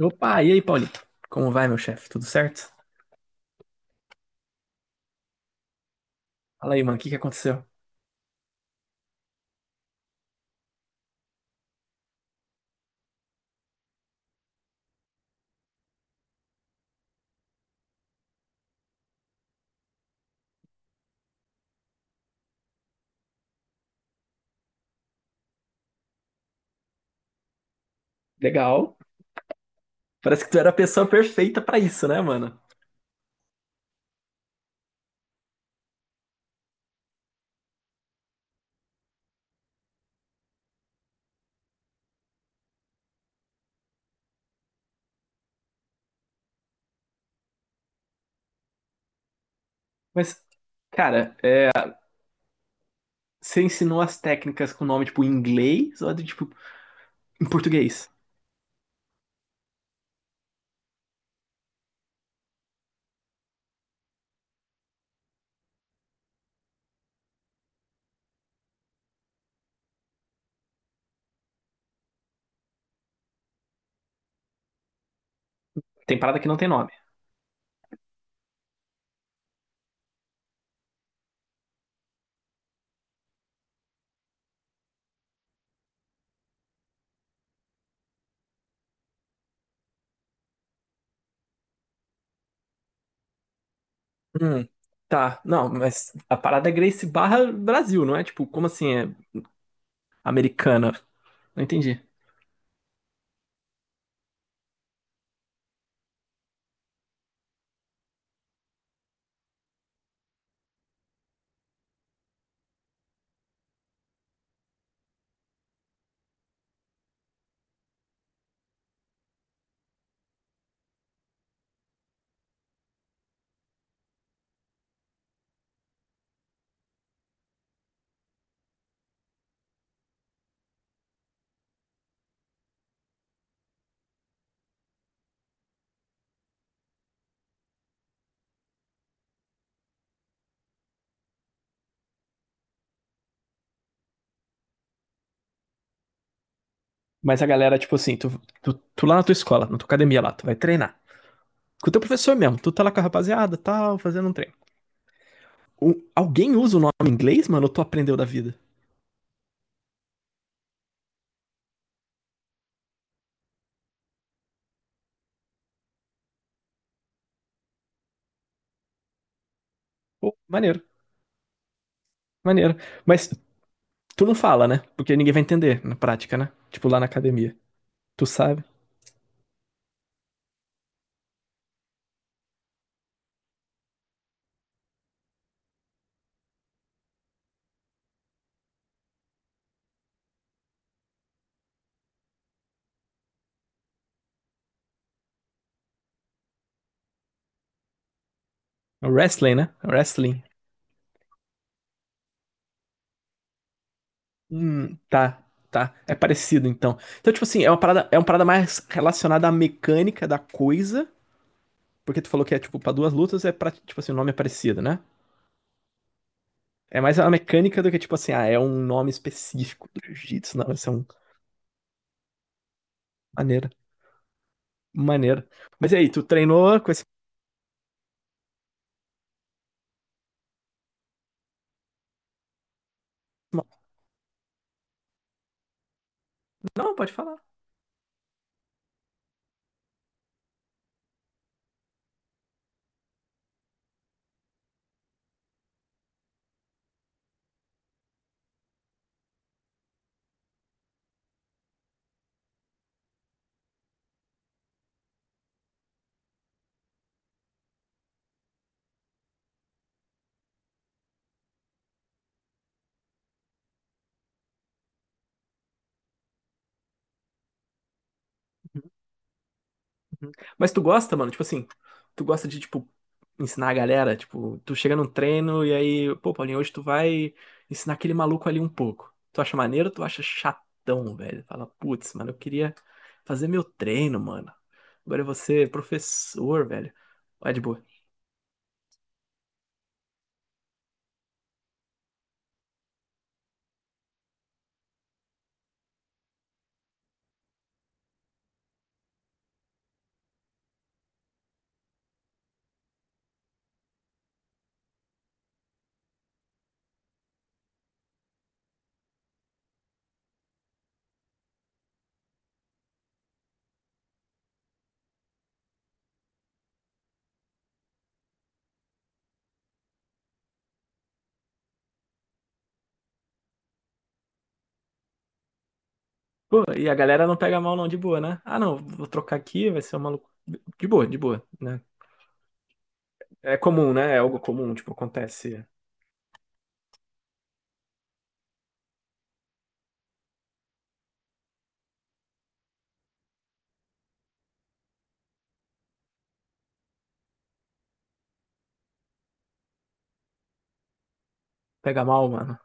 Opa, e aí, Paulito? Como vai, meu chefe? Tudo certo? Fala aí, mano, o que que aconteceu? Legal. Parece que tu era a pessoa perfeita pra isso, né, mano? Mas, cara, é, você ensinou as técnicas com nome, tipo, em inglês ou, tipo, em português? Tem parada que não tem nome. Hum, tá. Não, mas a parada é Grace barra Brasil, não é? Tipo, como assim é americana? Não entendi. Mas a galera, tipo assim, tu lá na tua escola, na tua academia lá, tu vai treinar. Com o teu professor mesmo, tu tá lá com a rapaziada, e tal, fazendo um treino. O- alguém usa o nome em inglês, mano, ou tu aprendeu da vida? Pô, maneiro, maneiro. Mas tu não fala, né? Porque ninguém vai entender na prática, né? Tipo lá na academia. Tu sabe? É wrestling, né? É wrestling. Tá, tá. É parecido, então. Então, tipo assim, é uma parada mais relacionada à mecânica da coisa. Porque tu falou que é, tipo, pra duas lutas é pra, tipo assim, o nome é parecido, né? É mais a mecânica do que, tipo assim, ah, é um nome específico do jiu-jitsu. Não, isso é um maneiro. Maneiro. Mas e aí, tu treinou com esse. Não, pode falar. Mas tu gosta, mano? Tipo assim, tu gosta de, tipo, ensinar a galera? Tipo, tu chega num treino e aí, pô, Paulinho, hoje tu vai ensinar aquele maluco ali um pouco. Tu acha maneiro ou tu acha chatão, velho? Fala, putz, mano, eu queria fazer meu treino, mano. Agora eu vou ser professor, velho. Vai de boa. Pô, e a galera não pega mal, não, de boa, né? Ah, não, vou trocar aqui, vai ser um maluco. De boa, né? É comum, né? É algo comum, tipo, acontece. Pega mal, mano.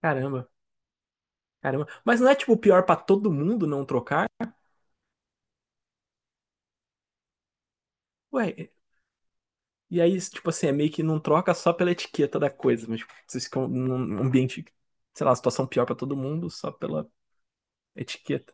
Caramba, caramba. Mas não é tipo pior pra todo mundo não trocar? Ué, e aí, tipo assim, é meio que não troca só pela etiqueta da coisa, mas tipo, vocês ficam num ambiente, sei lá, situação pior pra todo mundo só pela etiqueta.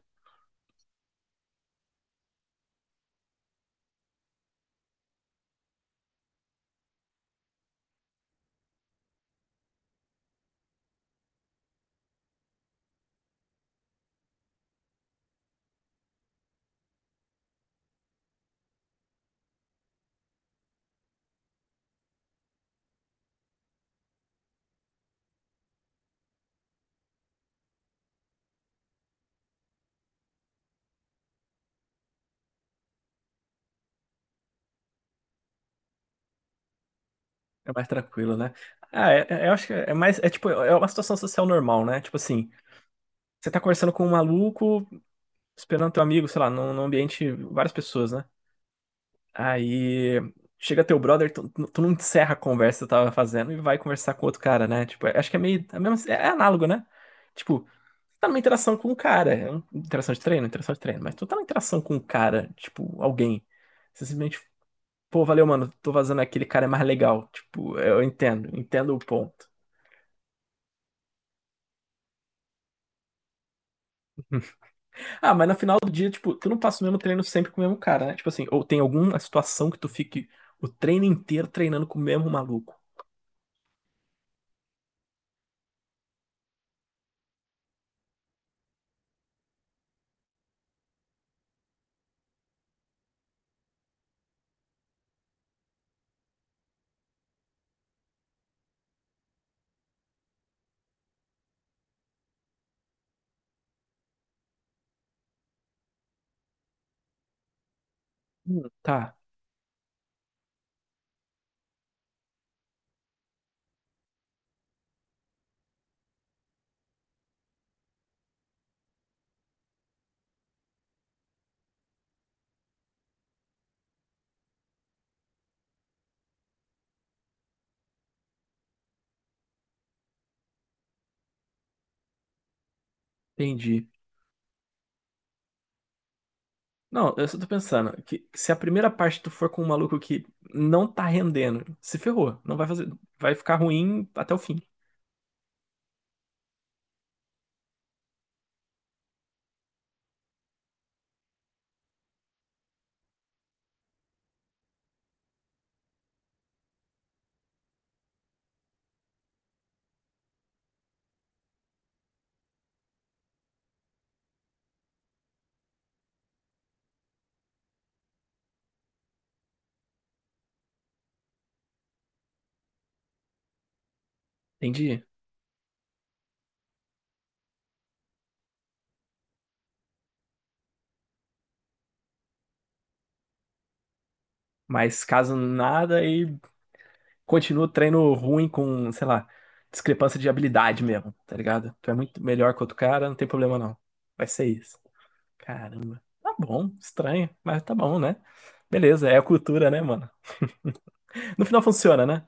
É mais tranquilo, né? Ah, é, é- eu acho que é mais, é tipo, é uma situação social normal, né? Tipo assim, você tá conversando com um maluco, esperando teu amigo, sei lá, num ambiente, várias pessoas, né? Aí chega teu brother, tu não encerra a conversa que tu tava fazendo e vai conversar com outro cara, né? Tipo, acho que é meio. É, mesmo, é análogo, né? Tipo, tu tá numa interação com um cara. É uma interação de treino, interação de treino. Mas tu tá numa interação com um cara, tipo, alguém. Você simplesmente, pô, valeu, mano, tô vazando aquele cara é mais legal. Tipo, eu entendo, entendo o ponto. Ah, mas no final do dia, tipo, tu não passa o mesmo treino sempre com o mesmo cara, né? Tipo assim, ou tem alguma situação que tu fique o treino inteiro treinando com o mesmo maluco. Tá, entendi. Não, eu só tô pensando que se a primeira parte tu for com um maluco que não tá rendendo, se ferrou, não vai fazer, vai ficar ruim até o fim. Entendi. Mas caso nada e continua o treino ruim com, sei lá, discrepância de habilidade mesmo, tá ligado? Tu é muito melhor que outro cara, não tem problema não. Vai ser isso. Caramba. Tá bom, estranho, mas tá bom, né? Beleza, é a cultura, né, mano? No final funciona, né?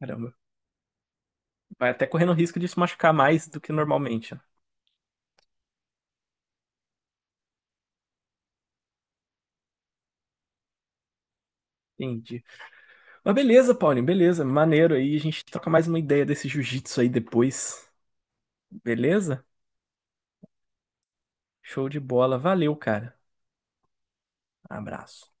Caramba. Vai até correndo risco de se machucar mais do que normalmente. Né? Entendi. Mas beleza, Paulinho, beleza. Maneiro aí. A gente troca mais uma ideia desse jiu-jitsu aí depois. Beleza? Show de bola. Valeu, cara. Abraço.